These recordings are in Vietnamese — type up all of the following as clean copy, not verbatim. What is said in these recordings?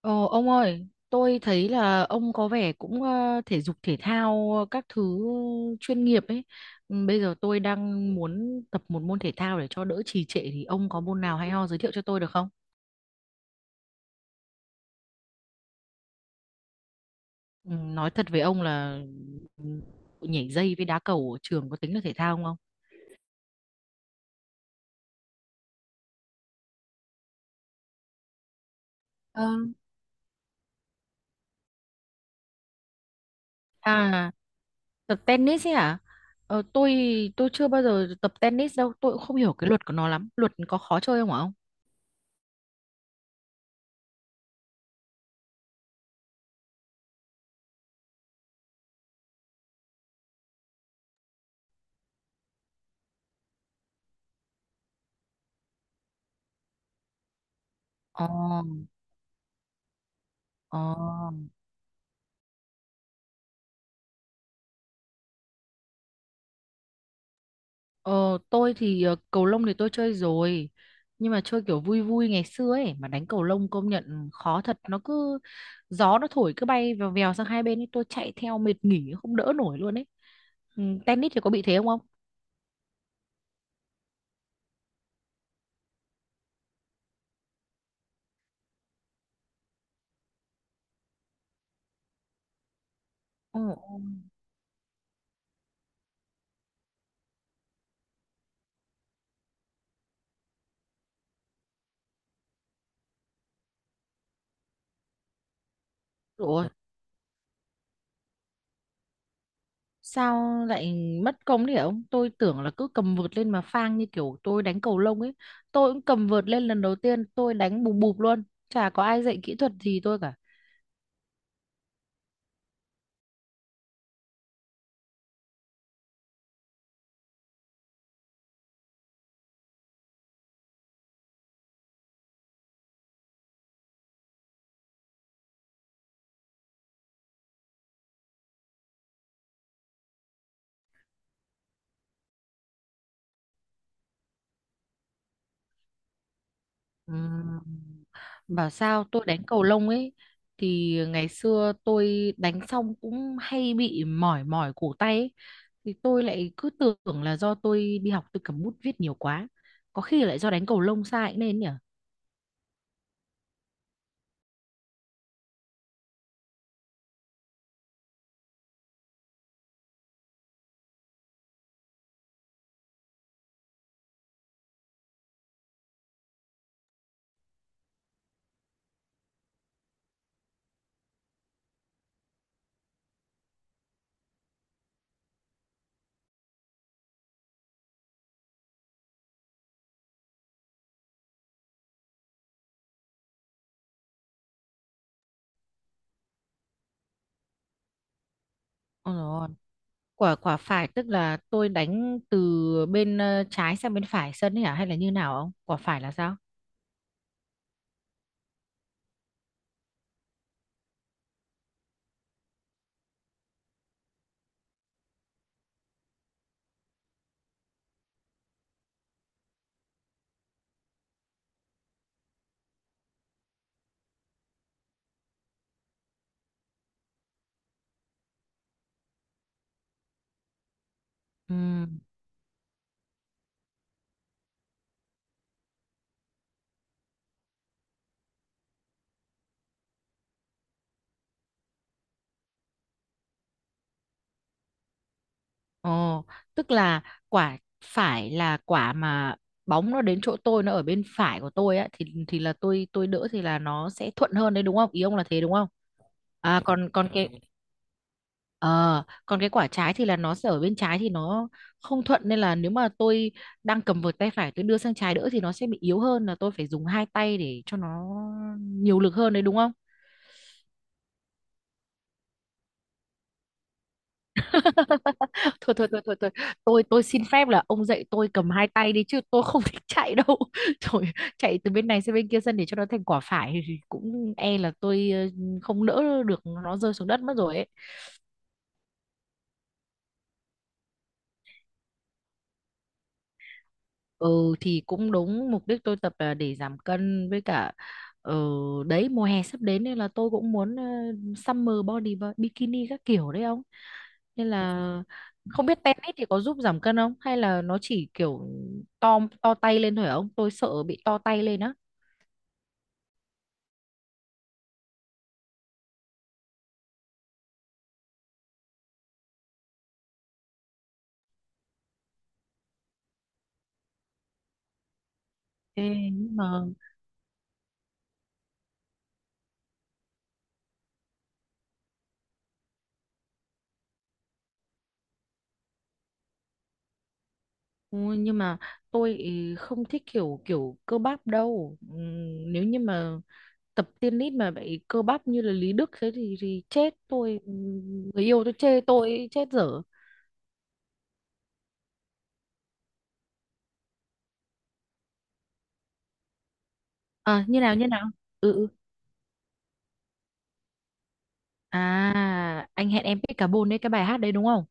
Ờ, ông ơi, tôi thấy là ông có vẻ cũng thể dục thể thao các thứ chuyên nghiệp ấy. Bây giờ tôi đang muốn tập một môn thể thao để cho đỡ trì trệ thì ông có môn nào hay ho giới thiệu cho tôi được không? Ừ. Nói thật với ông là ừ, nhảy dây với đá cầu ở trường có tính là thể thao không ông? Ờ. À, tập tennis ấy à? Ờ, tôi tôi chưa bao giờ tập tennis đâu, tôi cũng không hiểu cái luật của nó lắm. Luật có khó chơi không hả ông? Ồ, ồ. Ờ, tôi thì cầu lông thì tôi chơi rồi, nhưng mà chơi kiểu vui vui ngày xưa ấy mà, đánh cầu lông công nhận khó thật, nó cứ gió nó thổi cứ bay vèo vèo sang hai bên ấy, tôi chạy theo mệt nghỉ không đỡ nổi luôn ấy. Ừ, tennis thì có bị thế không ông? Ồ, ồ. Ủa, sao lại mất công đấy hả ông? Tôi tưởng là cứ cầm vợt lên mà phang như kiểu tôi đánh cầu lông ấy. Tôi cũng cầm vợt lên lần đầu tiên tôi đánh bùm bụp luôn, chả có ai dạy kỹ thuật gì tôi cả. Ừm, Bảo sao tôi đánh cầu lông ấy, thì ngày xưa tôi đánh xong cũng hay bị mỏi mỏi cổ tay ấy. Thì tôi lại cứ tưởng là do tôi đi học tôi cầm bút viết nhiều quá. Có khi lại do đánh cầu lông sai cũng nên nhỉ. Ôi dồi ôi, quả quả phải tức là tôi đánh từ bên trái sang bên phải sân ấy hả, hay là như nào không? Quả phải là sao? Ừ. Ồ, tức là quả phải là quả mà bóng nó đến chỗ tôi nó ở bên phải của tôi á, thì thì là tôi đỡ thì là nó sẽ thuận hơn đấy đúng không? Ý ông là thế đúng không? À, còn còn cái ờ còn cái quả trái thì là nó sẽ ở bên trái thì nó không thuận, nên là nếu mà tôi đang cầm vợt tay phải, tôi đưa sang trái đỡ thì nó sẽ bị yếu hơn, là tôi phải dùng hai tay để cho nó nhiều lực hơn đấy đúng không? Thôi thôi thôi thôi thôi, tôi xin phép là ông dạy tôi cầm hai tay đi chứ tôi không thích chạy đâu trời. Chạy từ bên này sang bên kia sân để cho nó thành quả phải thì cũng e là tôi không đỡ được, nó rơi xuống đất mất rồi ấy. Ừ thì cũng đúng, mục đích tôi tập là để giảm cân, với cả ờ, đấy, mùa hè sắp đến nên là tôi cũng muốn summer body bikini các kiểu đấy ông, nên là không biết tennis thì có giúp giảm cân không, hay là nó chỉ kiểu to tay lên thôi hả ông? Tôi sợ bị to tay lên á. Ê, nhưng mà ôi, nhưng mà tôi ý không thích kiểu kiểu cơ bắp đâu. Nếu như mà tập tennis mà bị cơ bắp như là Lý Đức thế thì chết tôi. Người yêu tôi chê tôi chết dở. À, như nào? Ừ, ừ. À, anh hẹn em pick carbon đấy, cái bài hát đấy đúng không?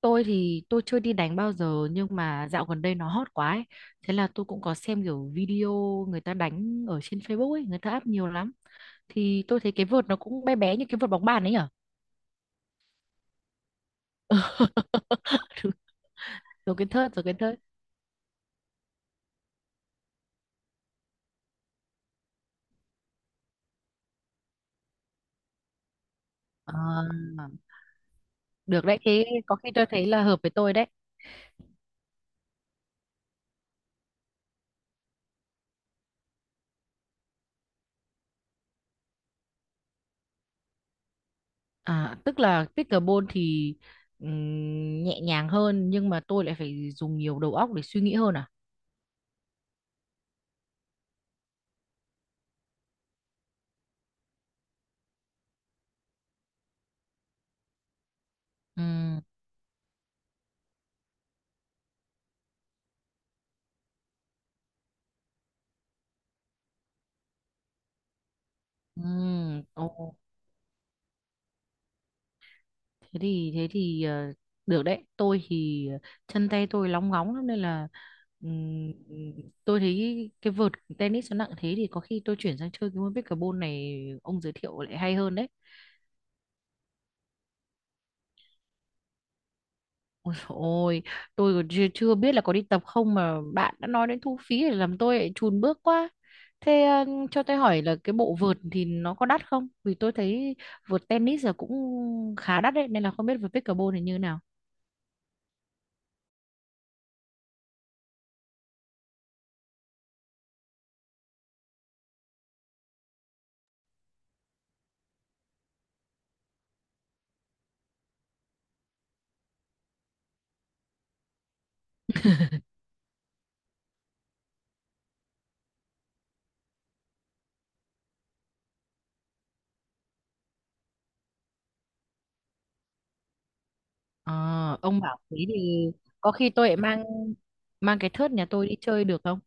Tôi thì tôi chưa đi đánh bao giờ, nhưng mà dạo gần đây nó hot quá ấy. Thế là tôi cũng có xem kiểu video người ta đánh ở trên Facebook ấy, người ta up nhiều lắm. Thì tôi thấy cái vợt nó cũng bé bé như cái vợt bóng bàn ấy nhở. Đúng, giống kiến thức. Ờ, được đấy, thế có khi tôi thấy là hợp với tôi đấy. À, tức là pickleball thì nhẹ nhàng hơn nhưng mà tôi lại phải dùng nhiều đầu óc để suy nghĩ hơn à? Ừm, ồ, thế thì được đấy. Tôi thì chân tay tôi lóng ngóng lắm nên là ừm, tôi thấy cái vợt tennis nó nặng thế, thì có khi tôi chuyển sang chơi cái môn pickleball này ông giới thiệu lại hay hơn đấy. Ôi dồi ôi, tôi còn chưa, chưa biết là có đi tập không mà bạn đã nói đến thu phí để làm tôi lại chùn bước quá. Thế cho tôi hỏi là cái bộ vợt thì nó có đắt không? Vì tôi thấy vợt tennis là cũng khá đắt đấy, nên là không biết vợt pickleball thì như nào. Ờ, ông bảo thế thì có khi tôi lại mang mang cái thớt nhà tôi đi chơi được không?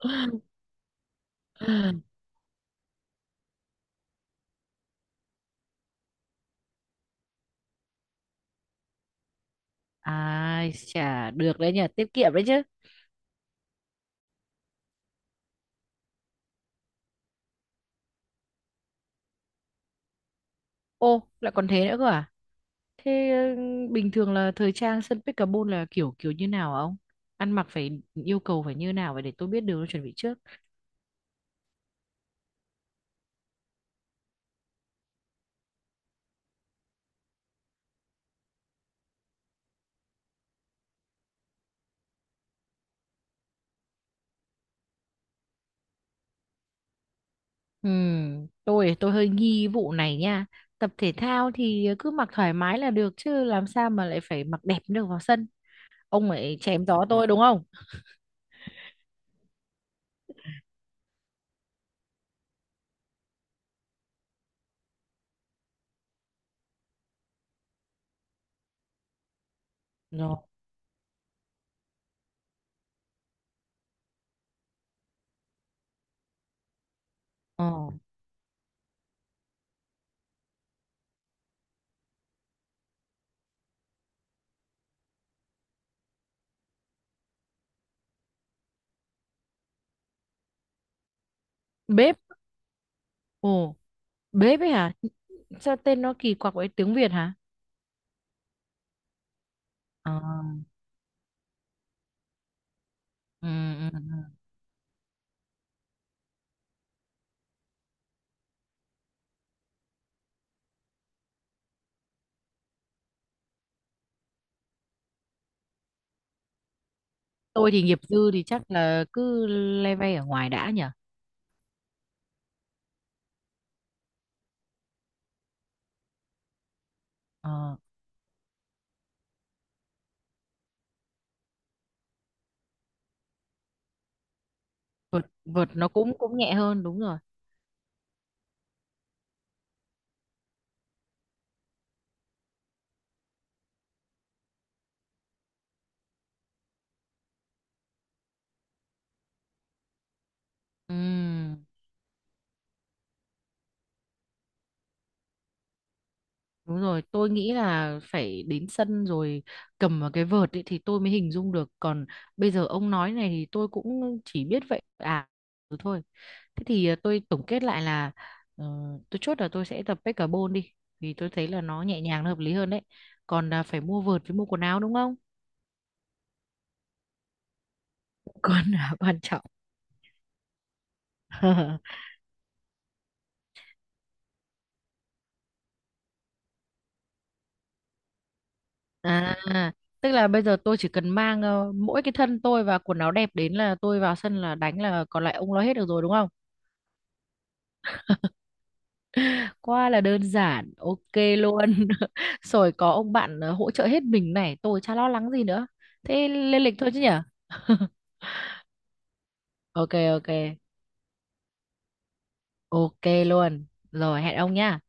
Ai chả được đấy nhỉ, tiết kiệm đấy chứ. Ô, lại còn thế nữa cơ à? Thế ừ, bình thường là thời trang sân Pet Carbon là kiểu kiểu như nào hả ông? Ăn mặc phải yêu cầu phải như nào vậy để tôi biết đường tôi chuẩn bị trước. Tôi hơi nghi vụ này nha. Tập thể thao thì cứ mặc thoải mái là được chứ làm sao mà lại phải mặc đẹp được vào sân. Ông ấy chém gió tôi đúng không? Rồi. Ờ. Bếp. Ồ, bếp ấy hả? Sao tên nó kỳ quặc vậy tiếng Việt hả? Ờ. Ừ, ừ, ừ. Tôi thì nghiệp dư thì chắc là cứ le ve ở ngoài đã nhỉ? Ờ. vợt vợt nó cũng cũng nhẹ hơn, đúng rồi. Ừm, đúng rồi, tôi nghĩ là phải đến sân rồi cầm vào cái vợt ấy thì tôi mới hình dung được, còn bây giờ ông nói này thì tôi cũng chỉ biết vậy à. Thế thì à, tôi tổng kết lại là ờ, tôi chốt là tôi sẽ tập pickleball đi, vì tôi thấy là nó nhẹ nhàng, nó hợp lý hơn đấy. Còn à, phải mua vợt với mua quần áo đúng không? Quần là quan trọng. À, tức là bây giờ tôi chỉ cần mang mỗi cái thân tôi và quần áo đẹp đến là tôi vào sân là đánh, là còn lại ông lo hết được rồi đúng không? Quá là đơn giản, ok luôn. Rồi có ông bạn hỗ trợ hết mình này, tôi chả lo lắng gì nữa. Thế lên lịch thôi chứ nhở? Ok, ok, ok luôn. Rồi hẹn ông nhá.